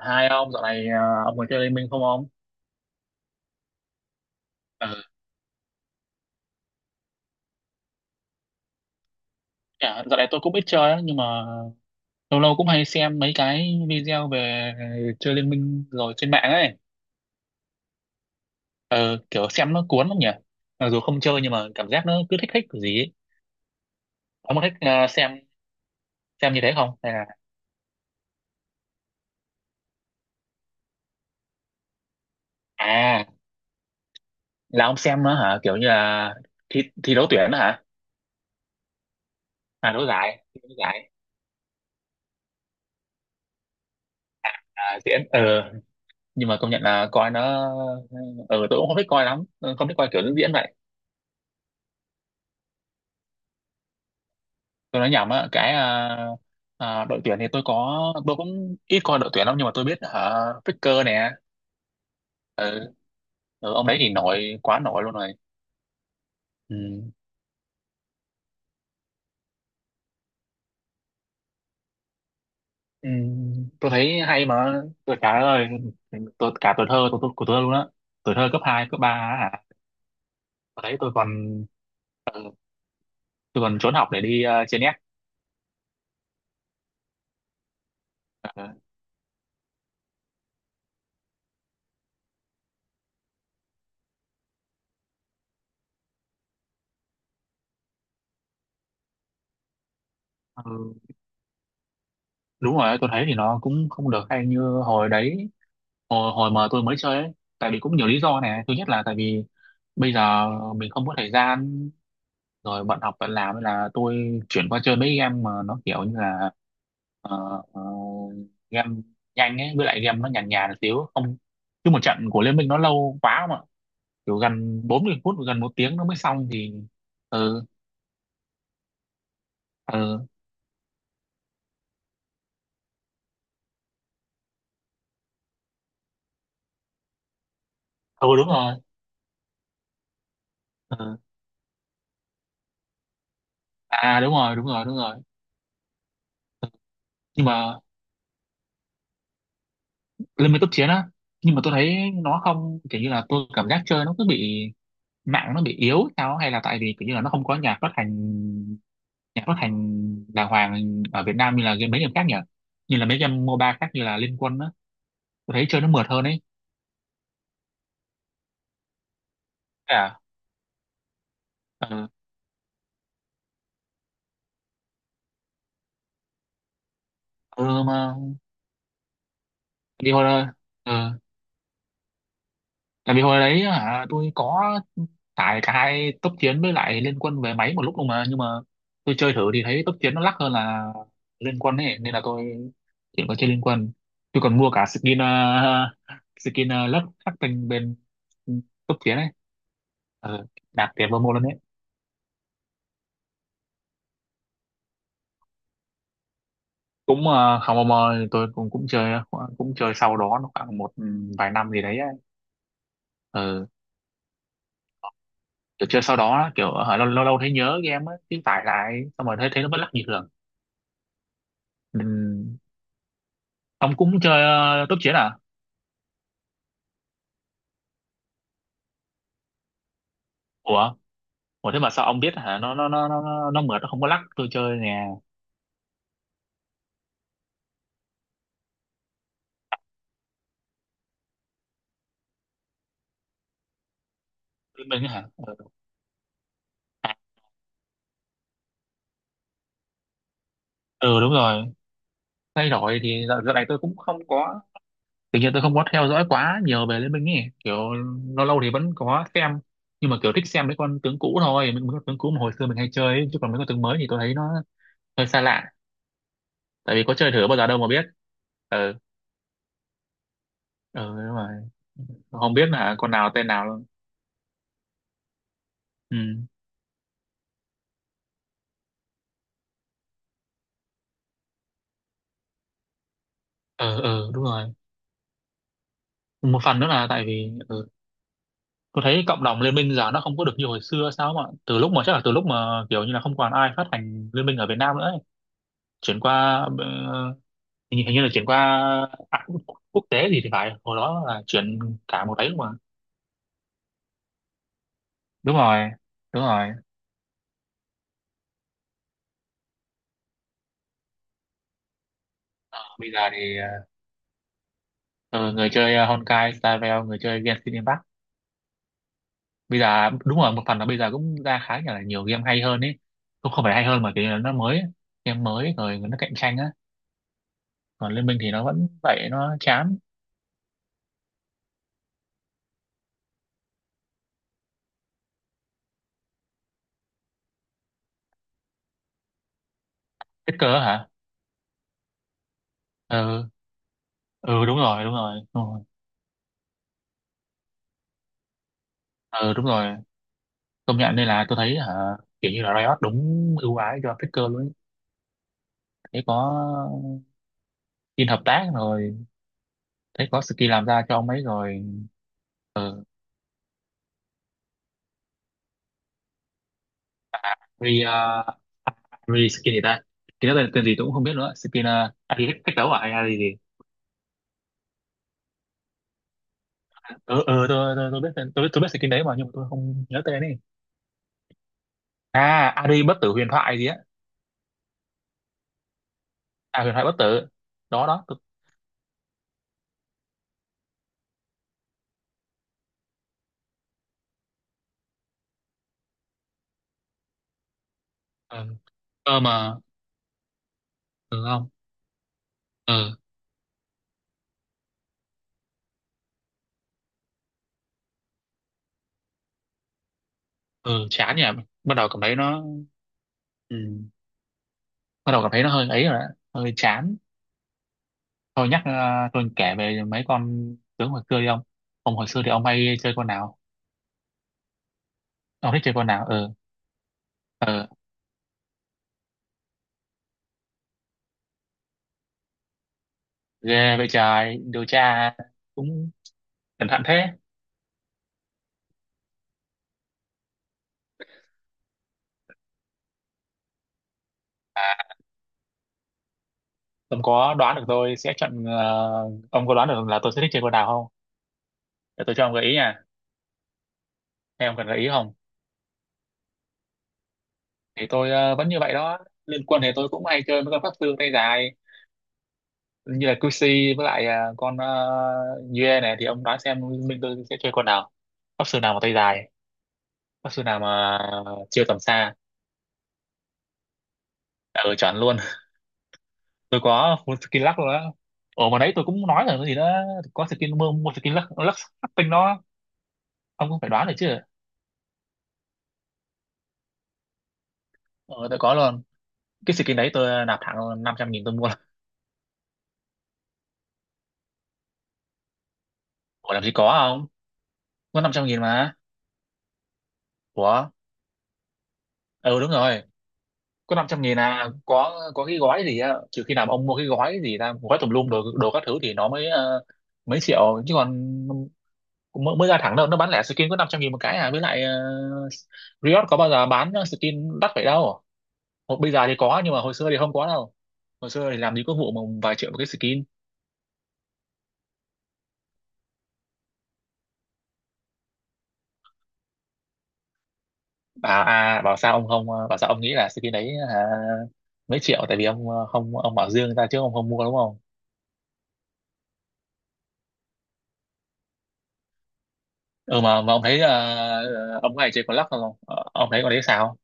Hai ông dạo này à, ông có chơi Liên Minh không ông? Ờ, dạ, dạo này tôi cũng ít chơi á, nhưng mà lâu lâu cũng hay xem mấy cái video về chơi Liên Minh rồi trên mạng ấy. Ờ, Kiểu xem nó cuốn lắm nhỉ. Mặc dù không chơi nhưng mà cảm giác nó cứ thích thích cái gì ấy. Ông có thích xem như thế không hay là? À, là ông xem nó hả, kiểu như là thi thi đấu tuyển đó hả? À, đấu giải, thi đấu giải. À, diễn. Ờ nhưng mà công nhận là coi nó... ờ tôi cũng không thích coi lắm, không thích coi kiểu diễn vậy. Tôi nói nhầm á cái đội tuyển thì tôi có, tôi cũng ít coi đội tuyển lắm nhưng mà tôi biết hả. Faker nè. ừ, ông đấy thì nổi quá, nổi luôn rồi. Ừ. Ừ. Tôi thấy hay mà, tôi cả ơi tôi cả tuổi thơ tôi của tôi luôn á. Tuổi thơ cấp 2 cấp 3 á hả? Ở đấy tôi còn... ừ, tôi còn trốn học để đi trên net. Ừ. Đúng rồi, tôi thấy thì nó cũng không được hay như hồi đấy, hồi hồi mà tôi mới chơi ấy. Tại vì cũng nhiều lý do, này thứ nhất là tại vì bây giờ mình không có thời gian, rồi bận học bận làm nên là tôi chuyển qua chơi mấy game mà nó kiểu như là ờ, ờ, game nhanh ấy, với lại game nó nhàn nhàn một xíu không. Chứ một trận của Liên Minh nó lâu quá mà, kiểu gần 40 phút gần một tiếng nó mới xong thì. Ừ. Ừ. Ừ đúng rồi. Ừ. À đúng rồi, đúng rồi, đúng rồi. Nhưng mà lên mấy cấp chiến á, nhưng mà tôi thấy nó không kiểu như là, tôi cảm giác chơi nó cứ bị mạng nó bị yếu sao á, hay là tại vì kiểu như là nó không có nhà phát hành, nhà phát hành đàng hoàng ở Việt Nam như là game mấy game khác nhỉ. Như là mấy game MOBA khác như là Liên Quân á, tôi thấy chơi nó mượt hơn ấy. Thế à. Ừ, ừ mà vì hồi đó, ừ, tại vì hồi đấy hả tôi có tải cả hai tốc chiến với lại Liên Quân về máy một lúc luôn mà, nhưng mà tôi chơi thử thì thấy tốc chiến nó lắc hơn là Liên Quân ấy nên là tôi thì có chơi Liên Quân. Tôi còn mua cả skin skin lớp khắc tinh bên cấp tiến ấy. Ờ, nạp tiền vào mua luôn đấy. Cũng không mò, tôi cũng cũng chơi, cũng chơi sau đó nó khoảng một vài năm gì đấy ấy. Ờ, kiểu chơi sau đó kiểu lâu lâu lâu thấy nhớ game ấy cái tải lại xong rồi thấy thấy nó vẫn lắc như thường. Ừm, ông cũng chơi tốc chiến à? Ủa, ủa thế mà sao ông biết hả, nó mượt nó không có lắc, tôi chơi nè. Mình hả? Ờ, À. Ừ đúng rồi, thay đổi thì dạo dạo này tôi cũng không có, tự nhiên tôi không có theo dõi quá nhiều về Liên Minh ấy kiểu. Lâu lâu thì vẫn có xem nhưng mà kiểu thích xem mấy con tướng cũ thôi, mấy mấy con tướng cũ mà hồi xưa mình hay chơi ấy. Chứ còn mấy con tướng mới thì tôi thấy nó hơi xa lạ. Tại vì có chơi thử bao giờ đâu mà biết. Ừ. Ừ đúng rồi. Không biết là con nào tên nào luôn. Ừ. Ừ. Ừ đúng rồi. Một phần nữa là tại vì ừ, tôi thấy cộng đồng Liên Minh giờ nó không có được như hồi xưa sao, mà từ lúc mà chắc là từ lúc mà kiểu như là không còn ai phát hành Liên Minh ở Việt Nam nữa ấy. Chuyển qua ờ, hình như là chuyển qua à, quốc, quốc tế gì thì phải, hồi đó là chuyển cả một ấy mà. Đúng rồi, đúng rồi. Bây giờ thì ờ, người chơi Honkai Star Rail, người chơi Genshin Impact. Bây giờ đúng rồi, một phần là bây giờ cũng ra khá là nhiều game hay hơn ấy, cũng không phải hay hơn mà kiểu như là nó mới ấy. Game mới rồi nó cạnh tranh á, còn Liên Minh thì nó vẫn vậy, nó chán. Hết cơ á hả? Ừ. Ừ đúng rồi, đúng rồi, đúng rồi. Ừ đúng rồi, công nhận đây là tôi thấy hả, kiểu như là Riot đúng ưu ái cho Faker luôn ấy. Thế có skin hợp tác rồi, thấy có skin làm ra cho ông ấy rồi. Ờ, re re skin gì ta, skin đó tên gì tôi cũng không biết nữa, skin gì cách cách đấu à hay là gì. Ờ ờ, tôi tôi biết tên, tôi biết, tôi biết skin đấy mà nhưng mà tôi không nhớ tên ấy. À, Ari bất tử huyền thoại gì á. À, huyền thoại bất tử. Đó đó tôi, ờ ờ mà ừ không. Ờ ờ chán nhỉ, bắt đầu cảm thấy nó ừ, bắt đầu cảm thấy nó hơi ấy rồi á, hơi chán. Thôi nhắc tôi kể về mấy con tướng hồi xưa đi ông. Ông hồi xưa thì ông hay chơi con nào, ông thích chơi con nào? Ừ. Ờ, ghê vậy trời, điều tra cũng cẩn thận thế. Ông có đoán được tôi sẽ chọn, ông có đoán được là tôi sẽ thích chơi con nào không? Để tôi cho ông gợi ý nha, hay ông cần gợi ý không? Thì tôi vẫn như vậy đó, liên quân thì tôi cũng hay chơi với con pháp sư tay dài, như là Cuxi với lại con Yue này, thì ông đoán xem mình tôi sẽ chơi con nào? Pháp sư nào mà tay dài, pháp sư nào mà chiêu tầm xa, ừ, chọn luôn. Tôi có full skill lắc luôn á. Ồ mà đấy tôi cũng nói rồi cái gì đó, có skin mua skin lắc tinh đó, ông cũng phải đoán được chứ. Ờ, tôi có luôn. Cái skin đấy tôi nạp thẳng 500.000 tôi mua. Ủa làm gì có không? Có 500.000 mà. Ủa? Ừ đúng rồi. Có 500 nghìn à. Có cái gói gì á. Trừ khi nào mà ông mua cái gói gì ra, gói tùm lum đồ các thứ thì nó mới mấy triệu. Chứ còn mới ra thẳng đâu. Nó bán lẻ skin có 500.000 một cái à. Với lại uh, Riot có bao giờ bán skin đắt vậy đâu. Hồi, bây giờ thì có nhưng mà hồi xưa thì không có đâu. Hồi xưa thì làm gì có vụ mà vài triệu một cái skin. Bảo à, bảo sao ông không bảo sao ông nghĩ là skin đấy hả mấy triệu, tại vì ông không, ông bảo dương ra chứ ông không mua đúng không. Ừ mà ông thấy ông này chơi có lắc không? Ờ, ông thấy con đấy sao?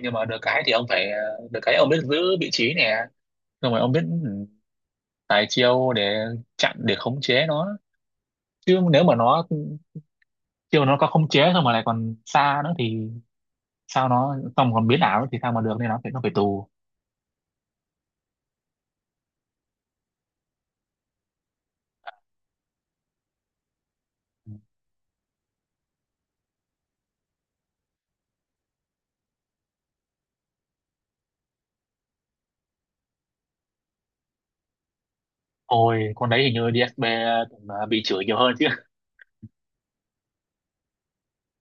Nhưng mà được cái thì ông phải được cái ông biết giữ vị trí nè, xong rồi ông biết ừ, tài chiêu để chặn, để khống chế nó. Chứ nếu mà nó chiêu nó có khống chế xong mà lại còn xa nữa thì sao, nó xong còn biến ảo nữa thì sao mà được, nên nó phải tù. Ôi, con đấy hình như DSP cũng, à, bị chửi nhiều hơn chứ.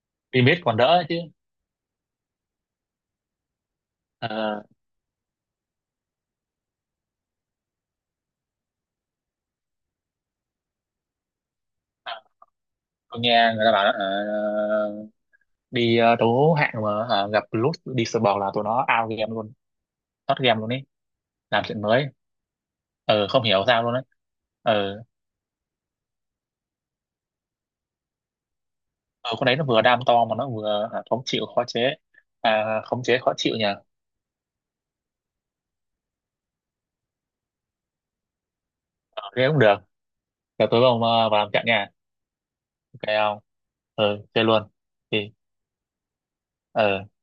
Limit còn đỡ chứ. Ờ, tôi nghe người ta bảo đi đấu hạng mà gặp Lút đi sờ bò là tụi nó out game luôn, thoát game luôn ấy. Làm chuyện mới. Ờ không hiểu sao luôn đấy. Ờ, ờ, con đấy nó vừa đam to mà nó vừa khống chịu khó chế, à, khống chế khó chịu nhỉ. Ờ, thế cũng được, giờ tối vào làm trận nha. Ok không? Ờ, chơi luôn thì ờ.